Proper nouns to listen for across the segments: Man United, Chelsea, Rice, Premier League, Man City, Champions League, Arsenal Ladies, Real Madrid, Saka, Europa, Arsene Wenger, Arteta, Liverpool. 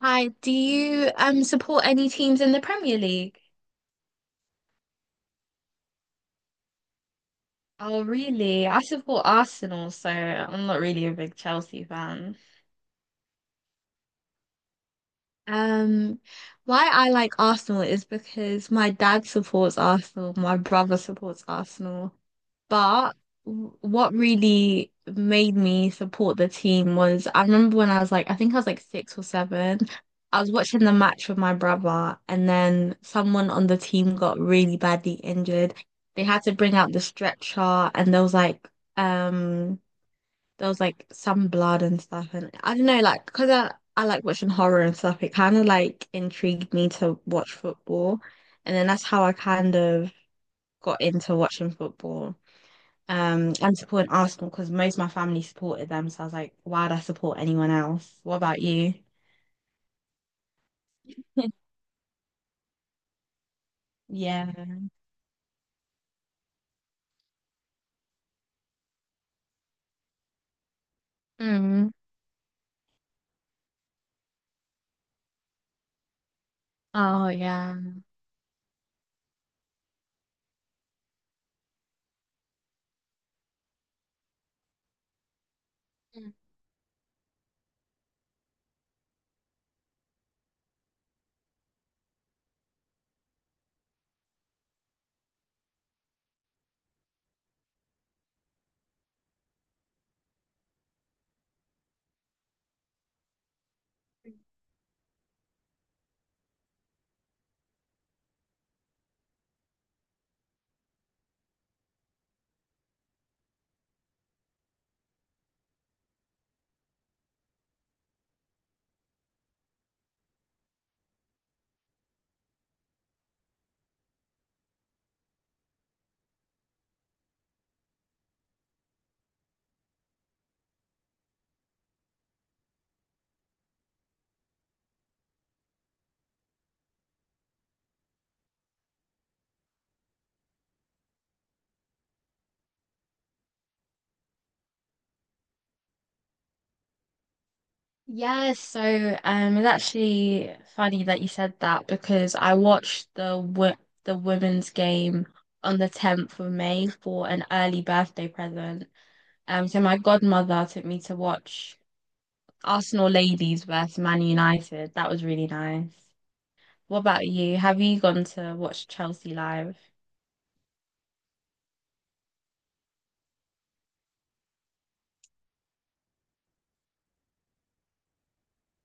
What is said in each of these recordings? Hi, do you support any teams in the Premier League? Oh, really? I support Arsenal, so I'm not really a big Chelsea fan. Um, why I like Arsenal is because my dad supports Arsenal, my brother supports Arsenal. But what really made me support the team was I remember when I was like, I think I was like six or seven, I was watching the match with my brother, and then someone on the team got really badly injured. They had to bring out the stretcher, and um, there was like some blood and stuff, and I don't know, like because I like watching horror and stuff, it kind of like intrigued me to watch football, and then that's how I kind of got into watching football, and supporting Arsenal because most of my family supported them. So I was like, why'd I support anyone else? What about you? Yeah. Mm. Oh, yeah. Yes, so it's actually funny that you said that, because I watched the wo the women's game on the 10th of May for an early birthday present. So my godmother took me to watch Arsenal Ladies versus Man United. That was really nice. What about you? Have you gone to watch Chelsea live?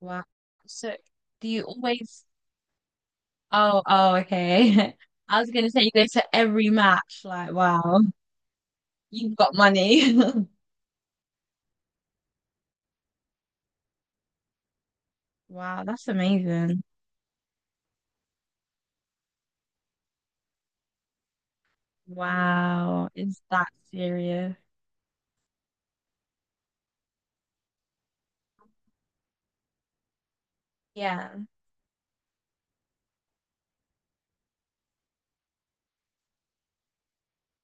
Wow. So do you always? Oh, oh, okay. I was gonna say you go to every match. Like, wow, you've got money. Wow, that's amazing. Wow, it's that serious. Yeah,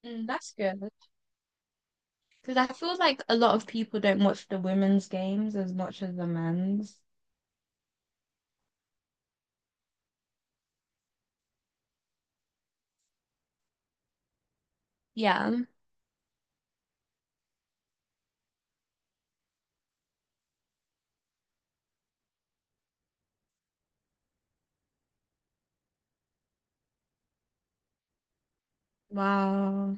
that's good. Because I feel like a lot of people don't watch the women's games as much as the men's. Yeah. Wow.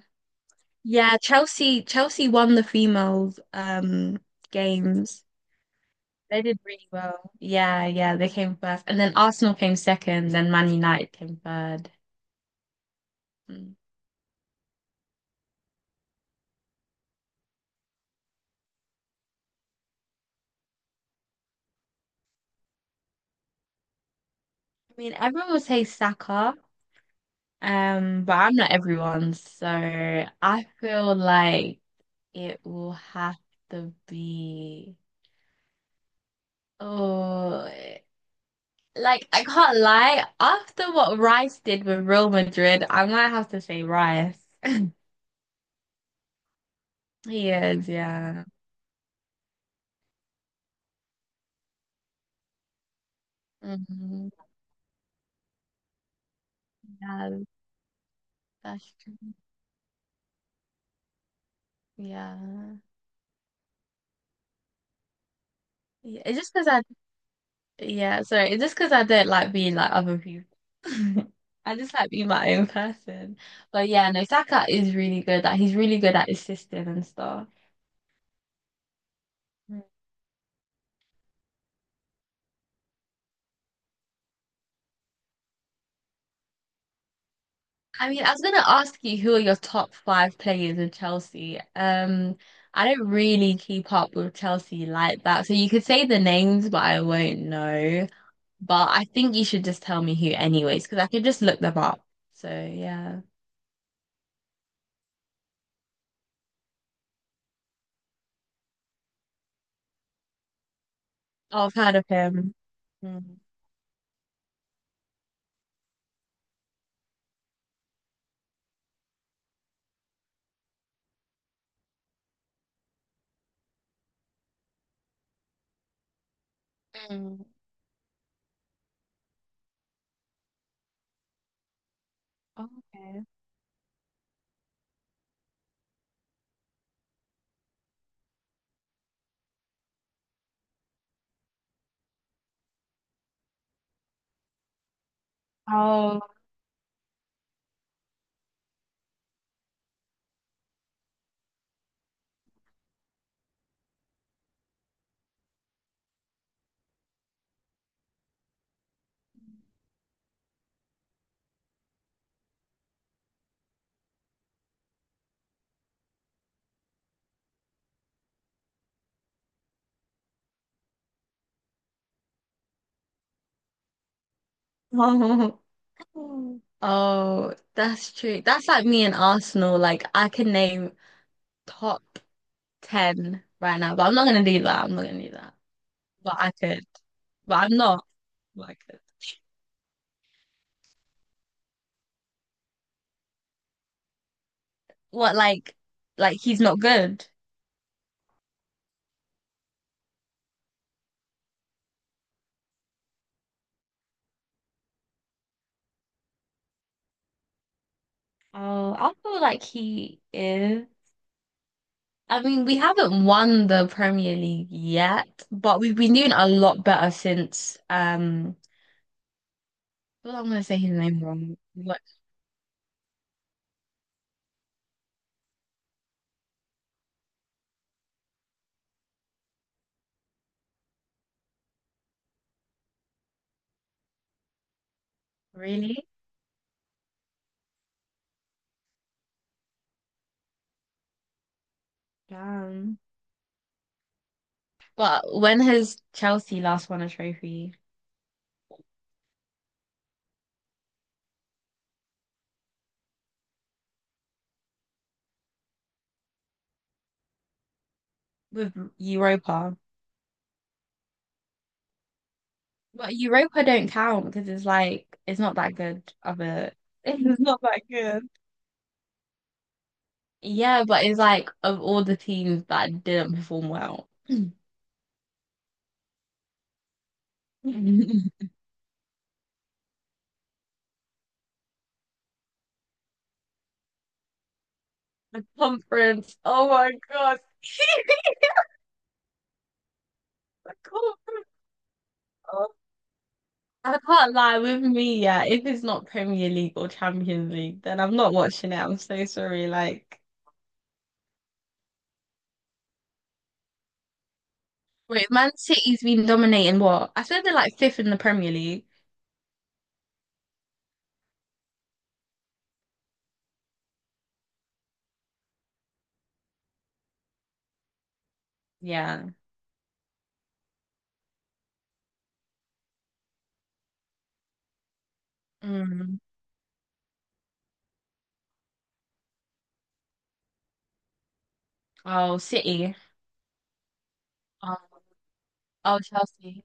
Yeah, Chelsea won the females games. They did really well. Yeah, yeah, they came first. And then Arsenal came second, then Man United came third. Mm. I mean, everyone would say Saka. But I'm not everyone, so I feel like it will have to be. Oh, like I can't lie. After what Rice did with Real Madrid, I might have to say Rice. He is, yeah. Hmm. Yeah, that's true. Yeah. Yeah. It's just because I— Yeah, sorry, just because I don't like being like other people. I just like being my own person. But yeah, no, Saka is really good. Like, he's really good at his system and stuff. Mm. I mean, I was gonna ask you, who are your top five players in Chelsea? I don't really keep up with Chelsea like that, so you could say the names, but I won't know. But I think you should just tell me who anyways, because I could just look them up. So, yeah. Oh, I've heard of him. Mm. Mm. Okay. Oh. Oh, oh, that's true. That's like me and Arsenal. Like, I can name top ten right now, but I'm not gonna do that. I'm not gonna do that. But I could. But I'm not. But I could. What, like he's not good? Oh, I feel like he is. I mean, we haven't won the Premier League yet, but we've been doing a lot better since, well, I'm gonna say his name wrong. What? Really? Damn. But when has Chelsea last won a trophy? With Europa? But Europa don't count because it's like it's not that good of a it's not that good. Yeah, but it's like of all the teams that didn't perform well. The conference. Oh my God. The conference. Oh, I can't lie, with me, yeah, if it's not Premier League or Champions League, then I'm not watching it. I'm so sorry. Like— Wait, Man City's been dominating what? I said they're like fifth in the Premier League. Yeah. Mm. Oh, City. Oh, oh, Chelsea.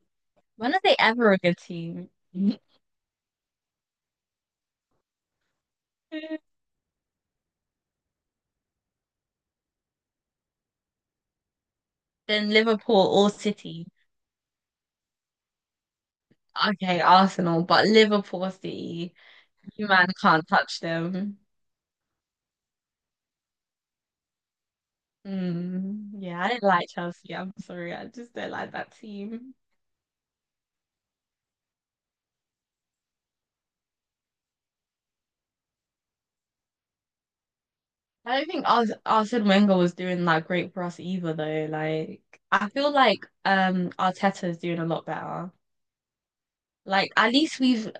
When are they ever a good team? Then Liverpool or City. Okay, Arsenal, but Liverpool or City, you man can't touch them. Mm. Yeah, I didn't like Chelsea. I'm sorry, I just don't like that team. I don't think Arsene Wenger was doing that great for us either, though. Like, I feel like Arteta is doing a lot better. Like, at least we've—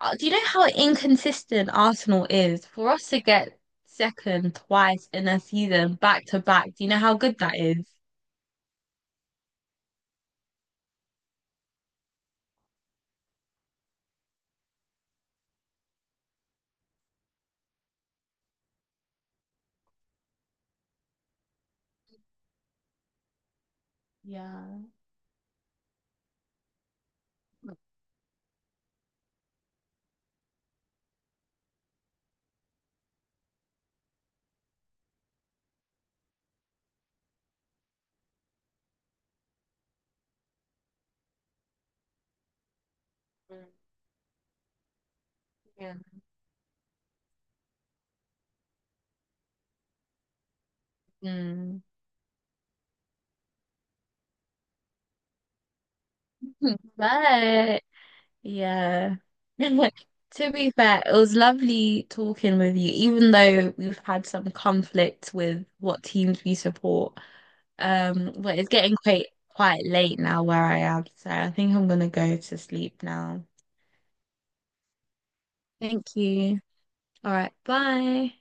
Do you know how inconsistent Arsenal is? For us to get second twice in a season, back to back. Do you know how good that is? Yeah. Mm, yeah. Mm. But yeah. To be fair, it was lovely talking with you, even though we've had some conflict with what teams we support. But it's getting quite late now where I am, so I think I'm gonna go to sleep now. Thank you. All right, bye.